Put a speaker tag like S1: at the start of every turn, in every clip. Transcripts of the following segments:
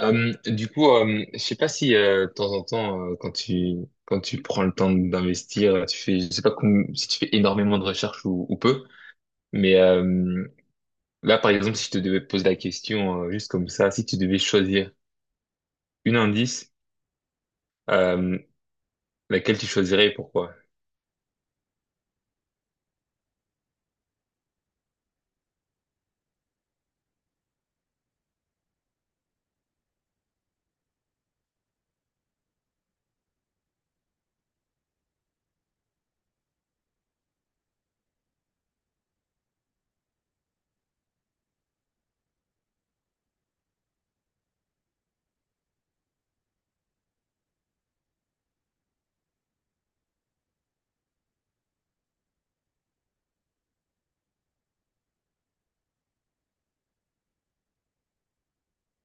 S1: Du coup, je sais pas si de temps en temps, quand tu prends le temps d'investir, tu fais, je sais pas si tu fais énormément de recherches ou peu, mais là, par exemple, si je te devais poser la question juste comme ça, si tu devais choisir une indice, euh, laquelle tu choisirais et pourquoi?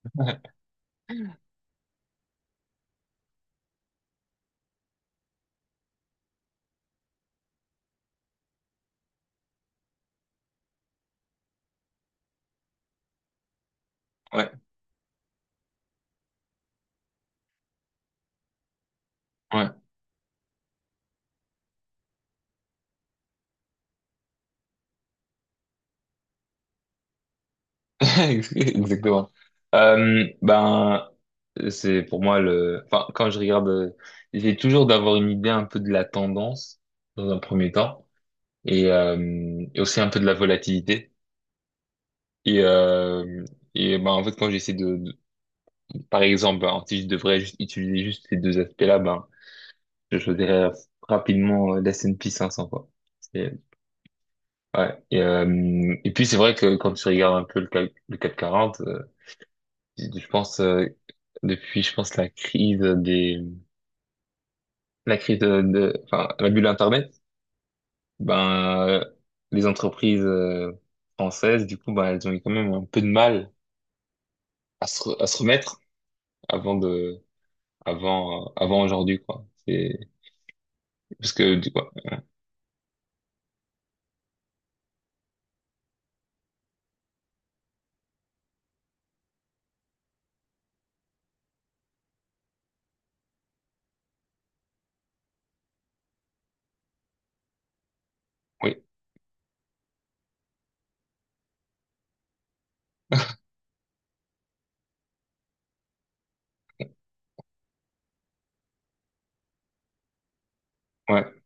S1: Ouais, ouais, ouais. Exactement. Ben, c'est pour moi le. Enfin, quand je regarde, j'essaie toujours d'avoir une idée un peu de la tendance dans un premier temps. Et aussi un peu de la volatilité. Et, euh, et ben, en fait, quand j'essaie par exemple, ben, si je devrais juste utiliser juste ces deux aspects-là, ben, je choisirais rapidement l'S&P 500, quoi. C'est- et puis, c'est vrai que quand tu regardes un peu le CAC 40, je pense, depuis, je pense, la crise des, la crise de- enfin, la bulle Internet, ben, les entreprises, françaises, du coup, ben, elles ont eu quand même un peu de mal à se remettre avant de avant avant aujourd'hui quoi. C'est parce que du coup, oui. Ouais,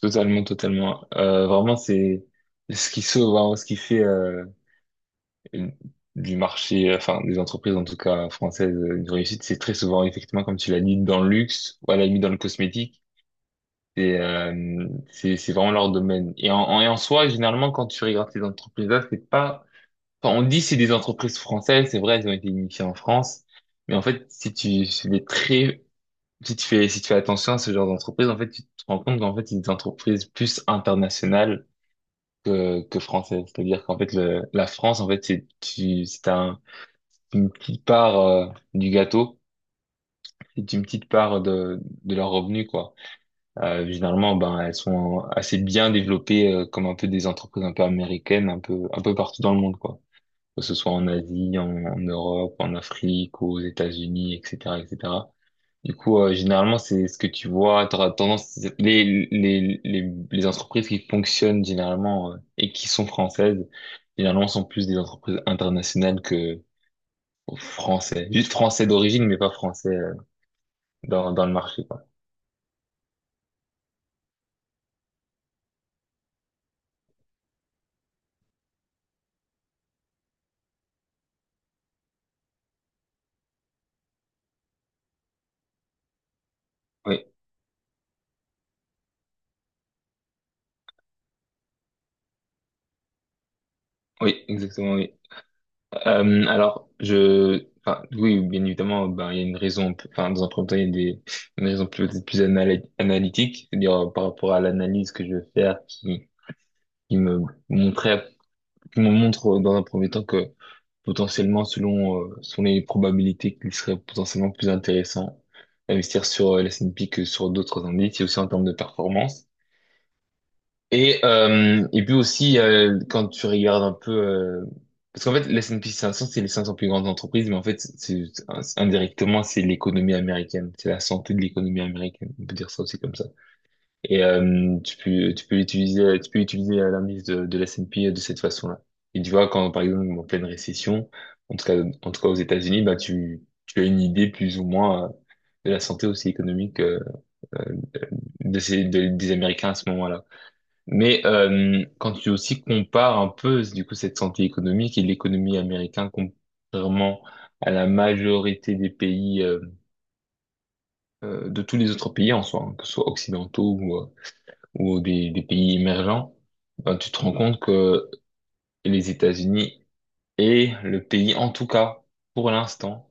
S1: totalement, totalement. Vraiment, c'est ce qui sauve, vraiment, ce qui fait du marché, enfin des entreprises en tout cas françaises, une réussite, c'est très souvent effectivement comme tu l'as dit dans le luxe ou à la limite dans le cosmétique. C'est vraiment leur domaine. Et en soi, généralement, quand tu regardes ces entreprises-là, c'est pas. Enfin, on dit c'est des entreprises françaises, c'est vrai, elles ont été initiées en France, mais en fait, si tu fais très, si tu fais, si tu fais attention à ce genre d'entreprise, en fait, tu te rends compte qu'en fait, c'est des entreprises plus internationales que françaises. C'est-à-dire qu'en fait, la France, en fait, c'est une petite part du gâteau. C'est une petite part de leurs revenus, quoi. Généralement, ben, elles sont assez bien développées, comme un peu des entreprises un peu américaines, un peu partout dans le monde, quoi. Que ce soit en Asie, en, en Europe, en Afrique, aux États-Unis, etc., etc. Du coup, généralement, c'est ce que tu vois, t'auras tendance, les entreprises qui fonctionnent généralement et qui sont françaises, généralement sont plus des entreprises internationales que français. Juste français d'origine, mais pas français dans le marché, quoi. Oui, oui, exactement, oui. Alors, je, enfin, oui, bien évidemment, ben, il y a une raison, enfin, dans un premier temps, il y a des, une raison plus analytique, c'est-à-dire, par rapport à l'analyse que je veux faire, qui me montrait, qui me montre, dans un premier temps que potentiellement, selon, selon les probabilités, qu'il serait potentiellement plus intéressant d'investir sur l'S&P que sur d'autres indices, et aussi en termes de performance. Et puis aussi, quand tu regardes un peu, parce qu'en fait, l'S&P 500, c'est les 500 plus grandes entreprises, mais en fait, indirectement, c'est l'économie américaine. C'est la santé de l'économie américaine. On peut dire ça aussi comme ça. Et tu peux utiliser l'indice de l'S and P de cette façon-là. Et tu vois, quand, par exemple, en pleine récession, en tout cas, en tout cas aux États-Unis, bah, tu as une idée plus ou moins de la santé aussi économique des Américains à ce moment-là. Mais quand tu aussi compares un peu du coup cette santé économique et l'économie américaine contrairement à la majorité des pays, de tous les autres pays en soi, hein, que ce soit occidentaux ou des pays émergents, ben, tu te rends compte que les États-Unis est le pays en tout cas pour l'instant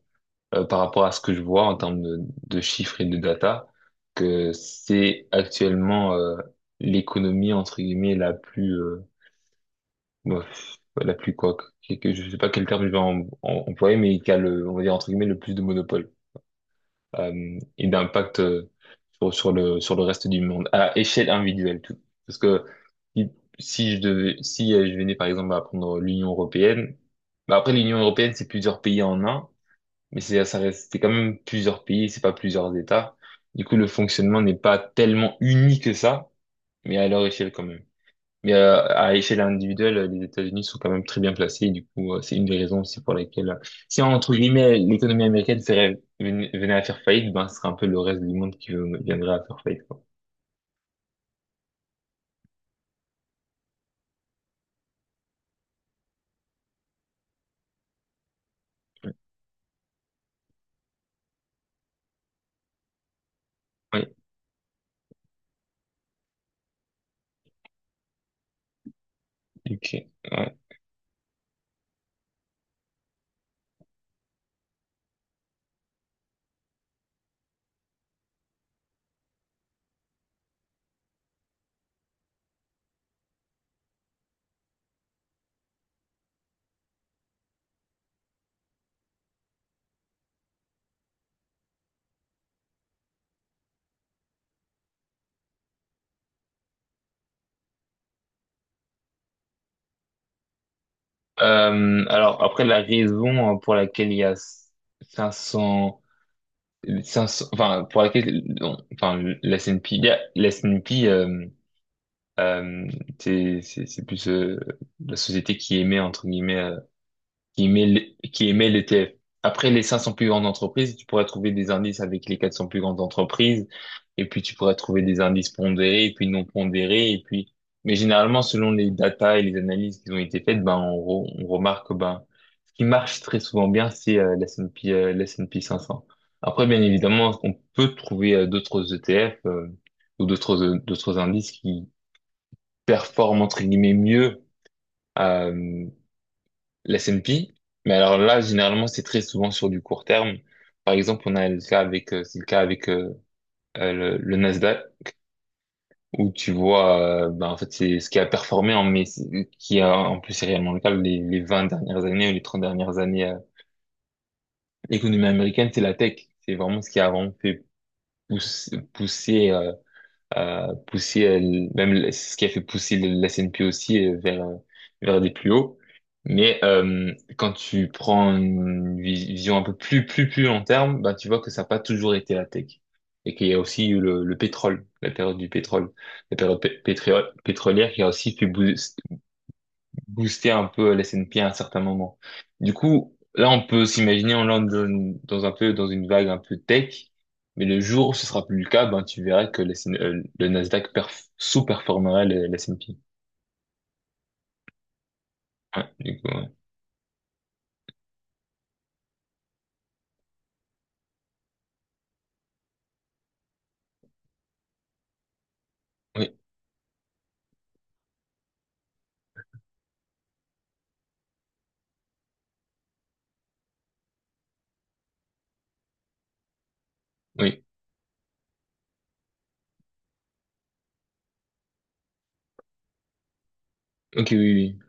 S1: par rapport à ce que je vois en termes de chiffres et de data, que c'est actuellement l'économie entre guillemets la plus, bah, la plus quoi, que- je sais pas quel terme je vais employer, mais qui a le, on va dire entre guillemets, le plus de monopole et d'impact sur, sur le reste du monde à échelle individuelle tout. Parce que si, si je devais, si je venais par exemple à prendre l'Union européenne, bah après l'Union européenne c'est plusieurs pays en un, mais c'est ça reste c'est quand même plusieurs pays, c'est pas plusieurs États. Du coup le fonctionnement n'est pas tellement uni que ça, mais à leur échelle quand même. Mais à échelle individuelle, les États-Unis sont quand même très bien placés. Et du coup, c'est une des raisons aussi pour lesquelles, si entre guillemets l'économie américaine serait, venait à faire faillite, ben ce serait un peu le reste du monde qui viendrait à faire faillite, quoi. Oui, ok. Ouais. Alors après la raison, pour laquelle il y a 500, 500 enfin pour laquelle, non, enfin l'S&P, l'S&P, euh, c'est plus, la société qui émet entre guillemets qui émet le l'ETF. Après les 500 plus grandes entreprises, tu pourrais trouver des indices avec les 400 plus grandes entreprises, et puis tu pourrais trouver des indices pondérés, et puis non pondérés, et puis. Mais généralement, selon les data et les analyses qui ont été faites, ben on remarque que ben ce qui marche très souvent bien, c'est l'S&P 500. Après, bien évidemment, on peut trouver d'autres ETF, ou d'autres indices qui performent entre guillemets mieux. Euh, L'S and P. Mais alors là, généralement, c'est très souvent sur du court terme. Par exemple, on a le cas avec, c'est le cas avec le Nasdaq, où tu vois, ben, en fait, c'est ce qui a performé, en, mais qui a, en plus, c'est réellement le cas, les 20 dernières années ou les 30 dernières années, l'économie américaine, c'est la tech. C'est vraiment ce qui a vraiment fait pousser pousser, euh, pousser c'est ce qui a fait pousser la CNP aussi, vers vers des plus hauts. Mais quand tu prends une vision un peu plus long terme, bah tu vois que ça n'a pas toujours été la tech et qu'il y a aussi eu le pétrole, la période du pétrole, la période pétrolière qui a aussi fait booster un peu la S and P à un certain moment. Du coup, là, on peut s'imaginer, on lance dans une vague un peu tech, mais le jour où ce sera plus le cas, ben, tu verras que la S&P, le Nasdaq sous-performera la S&P. Ouais, du coup, ouais. Oui, oui. Ok, oui, oui.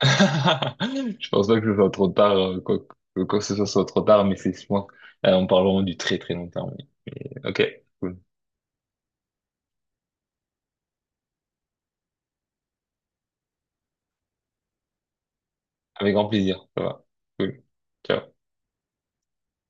S1: Je pense pas que ce soit trop tard, quoi, quoi que ce soit, soit trop tard, mais c'est, je pense, on parle vraiment du très très long terme. Ok, cool. Avec grand plaisir, ça va. Cool. Ciao.